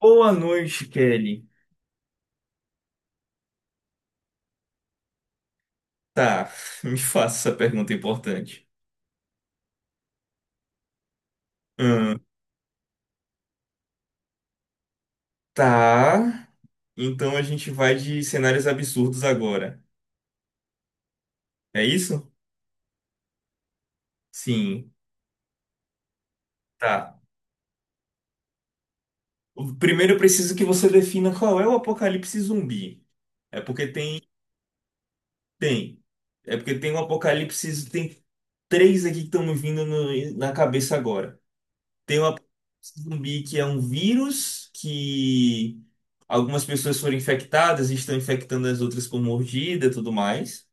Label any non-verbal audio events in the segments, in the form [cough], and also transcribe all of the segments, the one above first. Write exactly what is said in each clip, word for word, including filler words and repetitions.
Boa noite, Kelly. Tá, [laughs] me faça essa pergunta importante. Hum, tá, então a gente vai de cenários absurdos agora. É isso? Sim, tá. O- Primeiro eu preciso que você defina qual é o apocalipse zumbi. É porque tem, tem. É porque tem um apocalipse, tem três aqui que estão me vindo no- na cabeça agora. Tem uma zumbi que é um vírus que algumas pessoas foram infectadas e estão infectando as outras com mordida e tudo mais.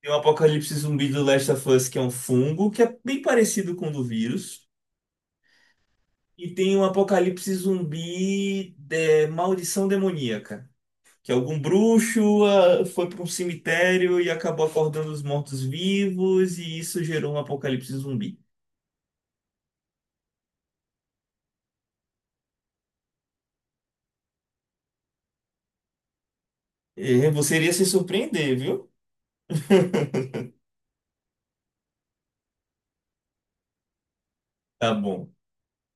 Tem o apocalipse zumbi do Last of Us, que é um fungo, que é bem parecido com o do vírus. E tem o apocalipse zumbi de maldição demoníaca, que algum bruxo ah, foi para um cemitério e acabou acordando os mortos-vivos, e isso gerou um apocalipse zumbi. Eh, Você iria se surpreender, viu? [laughs] Tá bom.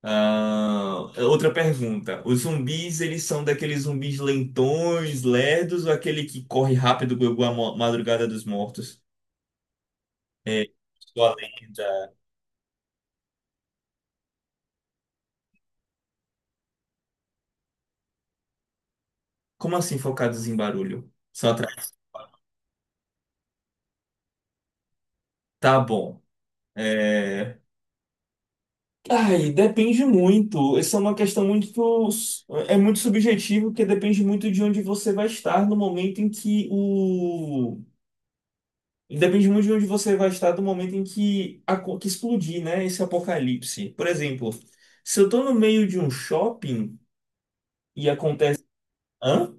Ah, é outra pergunta. Os zumbis, eles são daqueles zumbis lentões, lerdos, ou aquele que corre rápido como a mo- madrugada dos mortos? É, sua lenda. Como assim focados em barulho? Só atrás. Tá bom. É... Ai, depende muito. Essa é uma questão muito. É muito subjetivo, porque depende muito de onde você vai estar no momento em que o Depende muito de onde você vai estar do momento em que, a co- que explodir, né? Esse apocalipse. Por exemplo, se eu tô no meio de um shopping e acontece. Hã?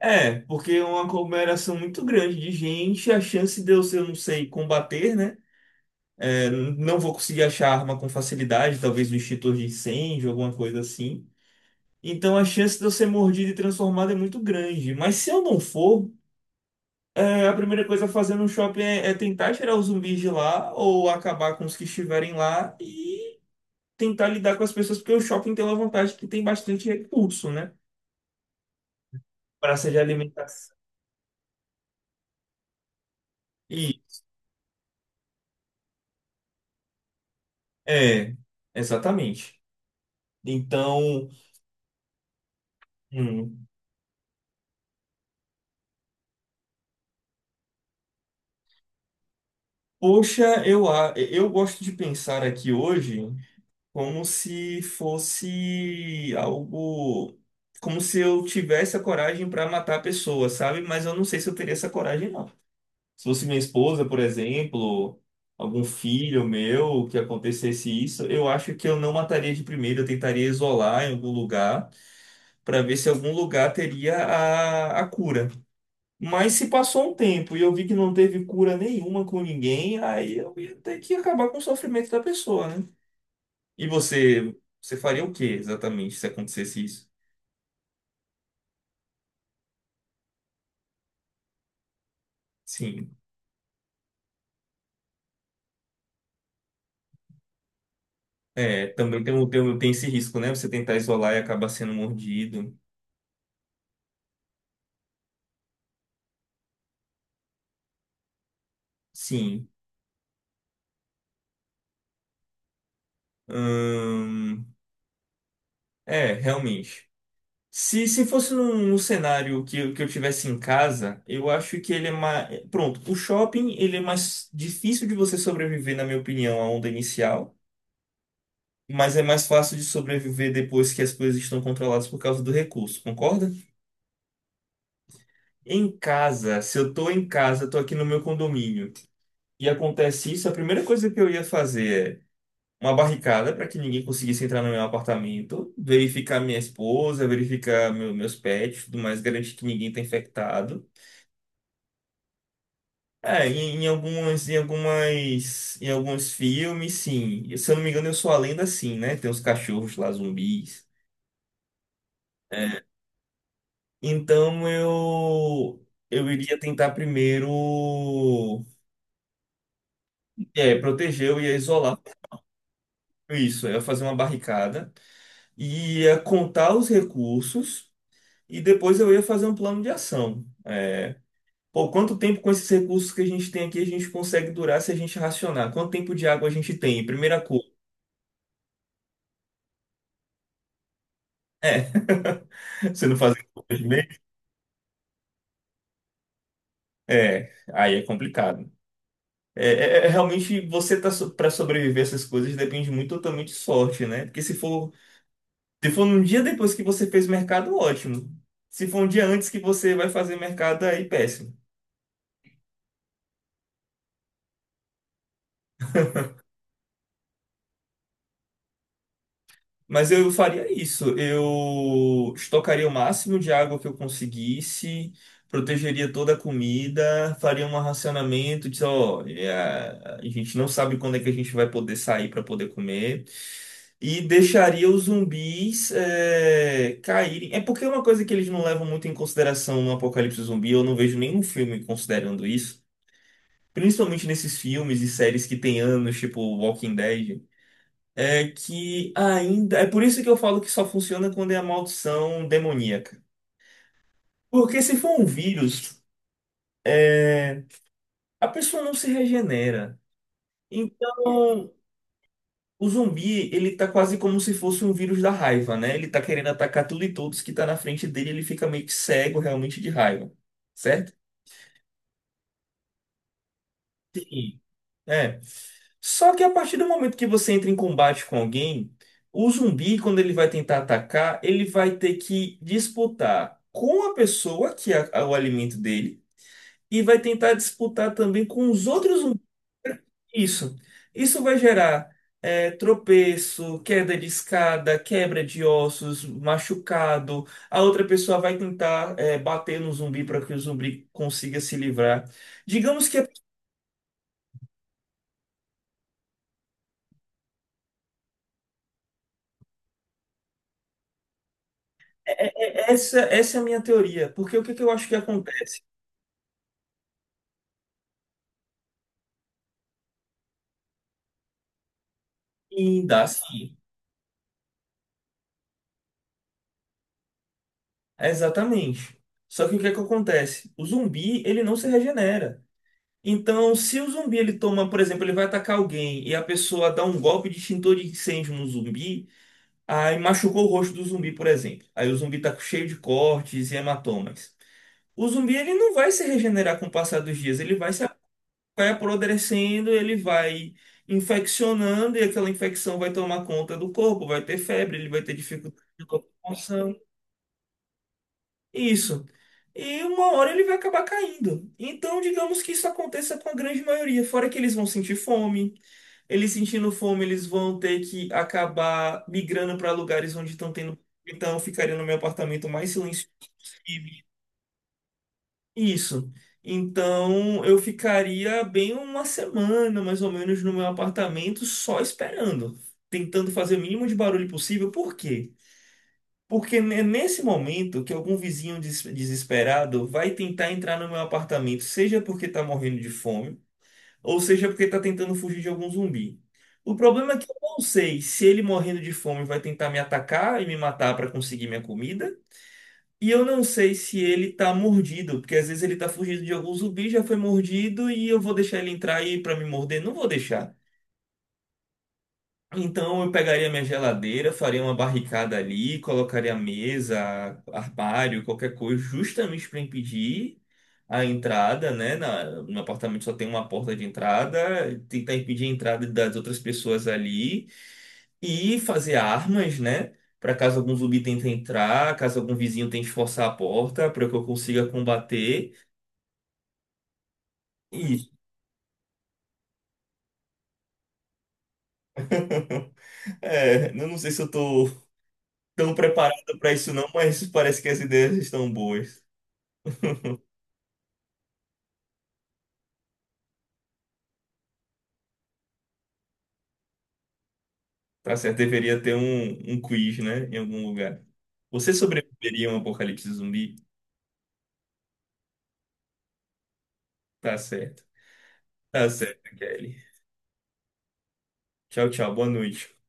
É, porque é uma aglomeração muito grande de gente, a chance de eu, se eu não sei, combater, né? É, não vou conseguir achar arma com facilidade, talvez um extintor de incêndio, alguma coisa assim. Então a chance de eu ser mordido e transformado é muito grande. Mas se eu não for, é, a primeira coisa a fazer no shopping é, é tentar tirar os zumbis de lá ou acabar com os que estiverem lá e tentar lidar com as pessoas, porque o shopping tem uma vantagem que tem bastante recurso, né? Praça de alimentação. E é, exatamente. Então, hum, poxa, eu, a- eu gosto de pensar aqui hoje como se fosse algo, como se eu tivesse a coragem para matar a pessoa, sabe? Mas eu não sei se eu teria essa coragem, não. Se fosse minha esposa, por exemplo, algum filho meu, que acontecesse isso, eu acho que eu não mataria de primeira, eu tentaria isolar em algum lugar para ver se algum lugar teria a, a cura. Mas se passou um tempo e eu vi que não teve cura nenhuma com ninguém, aí eu ia ter que acabar com o sofrimento da pessoa, né? E você, você faria o que exatamente se acontecesse isso? Sim. É, também tem, o- tem, o- tem esse risco, né? Você tentar isolar e acabar sendo mordido. Sim. Ahn, é, realmente. Se, se fosse num, num cenário que, eu- que eu tivesse em casa, eu acho que ele é mais. Pronto, o shopping ele é mais difícil de você sobreviver, na minha opinião, à onda inicial, mas é mais fácil de sobreviver depois que as coisas estão controladas por causa do recurso, concorda? Em casa, se eu tô em casa, tô aqui no meu condomínio, e acontece isso, a primeira coisa que eu ia fazer é uma barricada para que ninguém conseguisse entrar no meu apartamento, verificar minha esposa, verificar meu- meus pets, tudo mais, garantir que ninguém está infectado. É, em, em algumas, em algumas, em alguns filmes, sim. Se eu não me engano, eu sou a lenda, sim, né? Tem uns cachorros lá, zumbis. É, então eu eu iria tentar primeiro é, proteger, eu ia isolar isso, eu ia fazer uma barricada e ia contar os recursos. E depois eu ia fazer um plano de ação. É, pô, quanto tempo com esses recursos que a gente tem aqui a gente consegue durar se a gente racionar? Quanto tempo de água a gente tem? Primeira coisa. É. [laughs] Você não fazer conta de meio? É, aí é complicado. É, é- é realmente você tá so, para sobreviver a essas coisas depende muito totalmente de sorte, né? Porque se for, se for num dia depois que você fez mercado, ótimo. Se for um dia antes que você vai fazer mercado, aí péssimo. Mas eu faria isso. Eu estocaria o máximo de água que eu conseguisse, protegeria toda a comida, faria um racionamento de, olha, a gente não sabe quando é que a gente vai poder sair para poder comer. E deixaria os zumbis é, caírem. É porque é uma coisa que eles não levam muito em consideração no Apocalipse Zumbi. Eu não vejo nenhum filme considerando isso. Principalmente nesses filmes e séries que tem anos, tipo Walking Dead. É que ainda. É por isso que eu falo que só funciona quando é a maldição demoníaca. Porque se for um vírus, é, a pessoa não se regenera. Então, o zumbi, ele tá quase como se fosse um vírus da raiva, né? Ele tá querendo atacar tudo e todos que tá na frente dele, ele fica meio que cego realmente de raiva. Certo? Sim. É. Só que a partir do momento que você entra em combate com alguém, o zumbi, quando ele vai tentar atacar, ele vai ter que disputar com a pessoa que é o alimento dele e vai tentar disputar também com os outros zumbis. Isso. Isso vai gerar é, tropeço, queda de escada, quebra de ossos, machucado. A outra pessoa vai tentar é, bater no zumbi para que o zumbi consiga se livrar. Digamos que é- é- é- é essa, essa é a minha teoria, porque o que que eu acho que acontece? Sim, dá sim. Exatamente. Só que o que é que acontece? O zumbi, ele não se regenera. Então, se o zumbi ele toma, por exemplo, ele vai atacar alguém e a pessoa dá um golpe de extintor de incêndio no zumbi, aí machucou o rosto do zumbi, por exemplo. Aí o zumbi tá cheio de cortes e hematomas. O zumbi ele não vai se regenerar com o passar dos dias, ele vai se vai apodrecendo, ele vai infeccionando e aquela infecção vai tomar conta do corpo, vai ter febre, ele vai ter dificuldade de locomoção. Isso. E uma hora ele vai acabar caindo. Então, digamos que isso aconteça com a grande maioria. Fora que eles vão sentir fome, eles sentindo fome, eles vão ter que acabar migrando para lugares onde estão tendo. Então, eu ficaria no meu apartamento mais silencioso possível. Isso. Então, eu ficaria bem uma semana, mais ou menos, no meu apartamento, só esperando, tentando fazer o mínimo de barulho possível. Por quê? Porque é nesse momento que algum vizinho des- desesperado vai tentar entrar no meu apartamento, seja porque está morrendo de fome, ou seja porque está tentando fugir de algum zumbi. O problema é que eu não sei se ele morrendo de fome vai tentar me atacar e me matar para conseguir minha comida, e eu não sei se ele está mordido, porque às vezes ele está fugindo de algum zumbi, já foi mordido e eu vou deixar ele entrar aí para me morder? Não vou deixar. Então eu pegaria minha geladeira, faria uma barricada ali, colocaria mesa, armário, qualquer coisa, justamente para impedir a entrada, né? Na, no apartamento só tem uma porta de entrada, tentar impedir a entrada das outras pessoas ali e fazer armas, né? Para caso algum zumbi tente entrar, caso algum vizinho tente forçar a porta, para que eu consiga combater. E [laughs] é, eu não sei se eu tô tão preparado para isso não, mas parece que as ideias estão boas. Tá certo, deveria ter um, um quiz, né? Em algum lugar. Você sobreviveria a um apocalipse zumbi? Tá certo. Tá certo, Kelly. Tchau, tchau. Boa noite.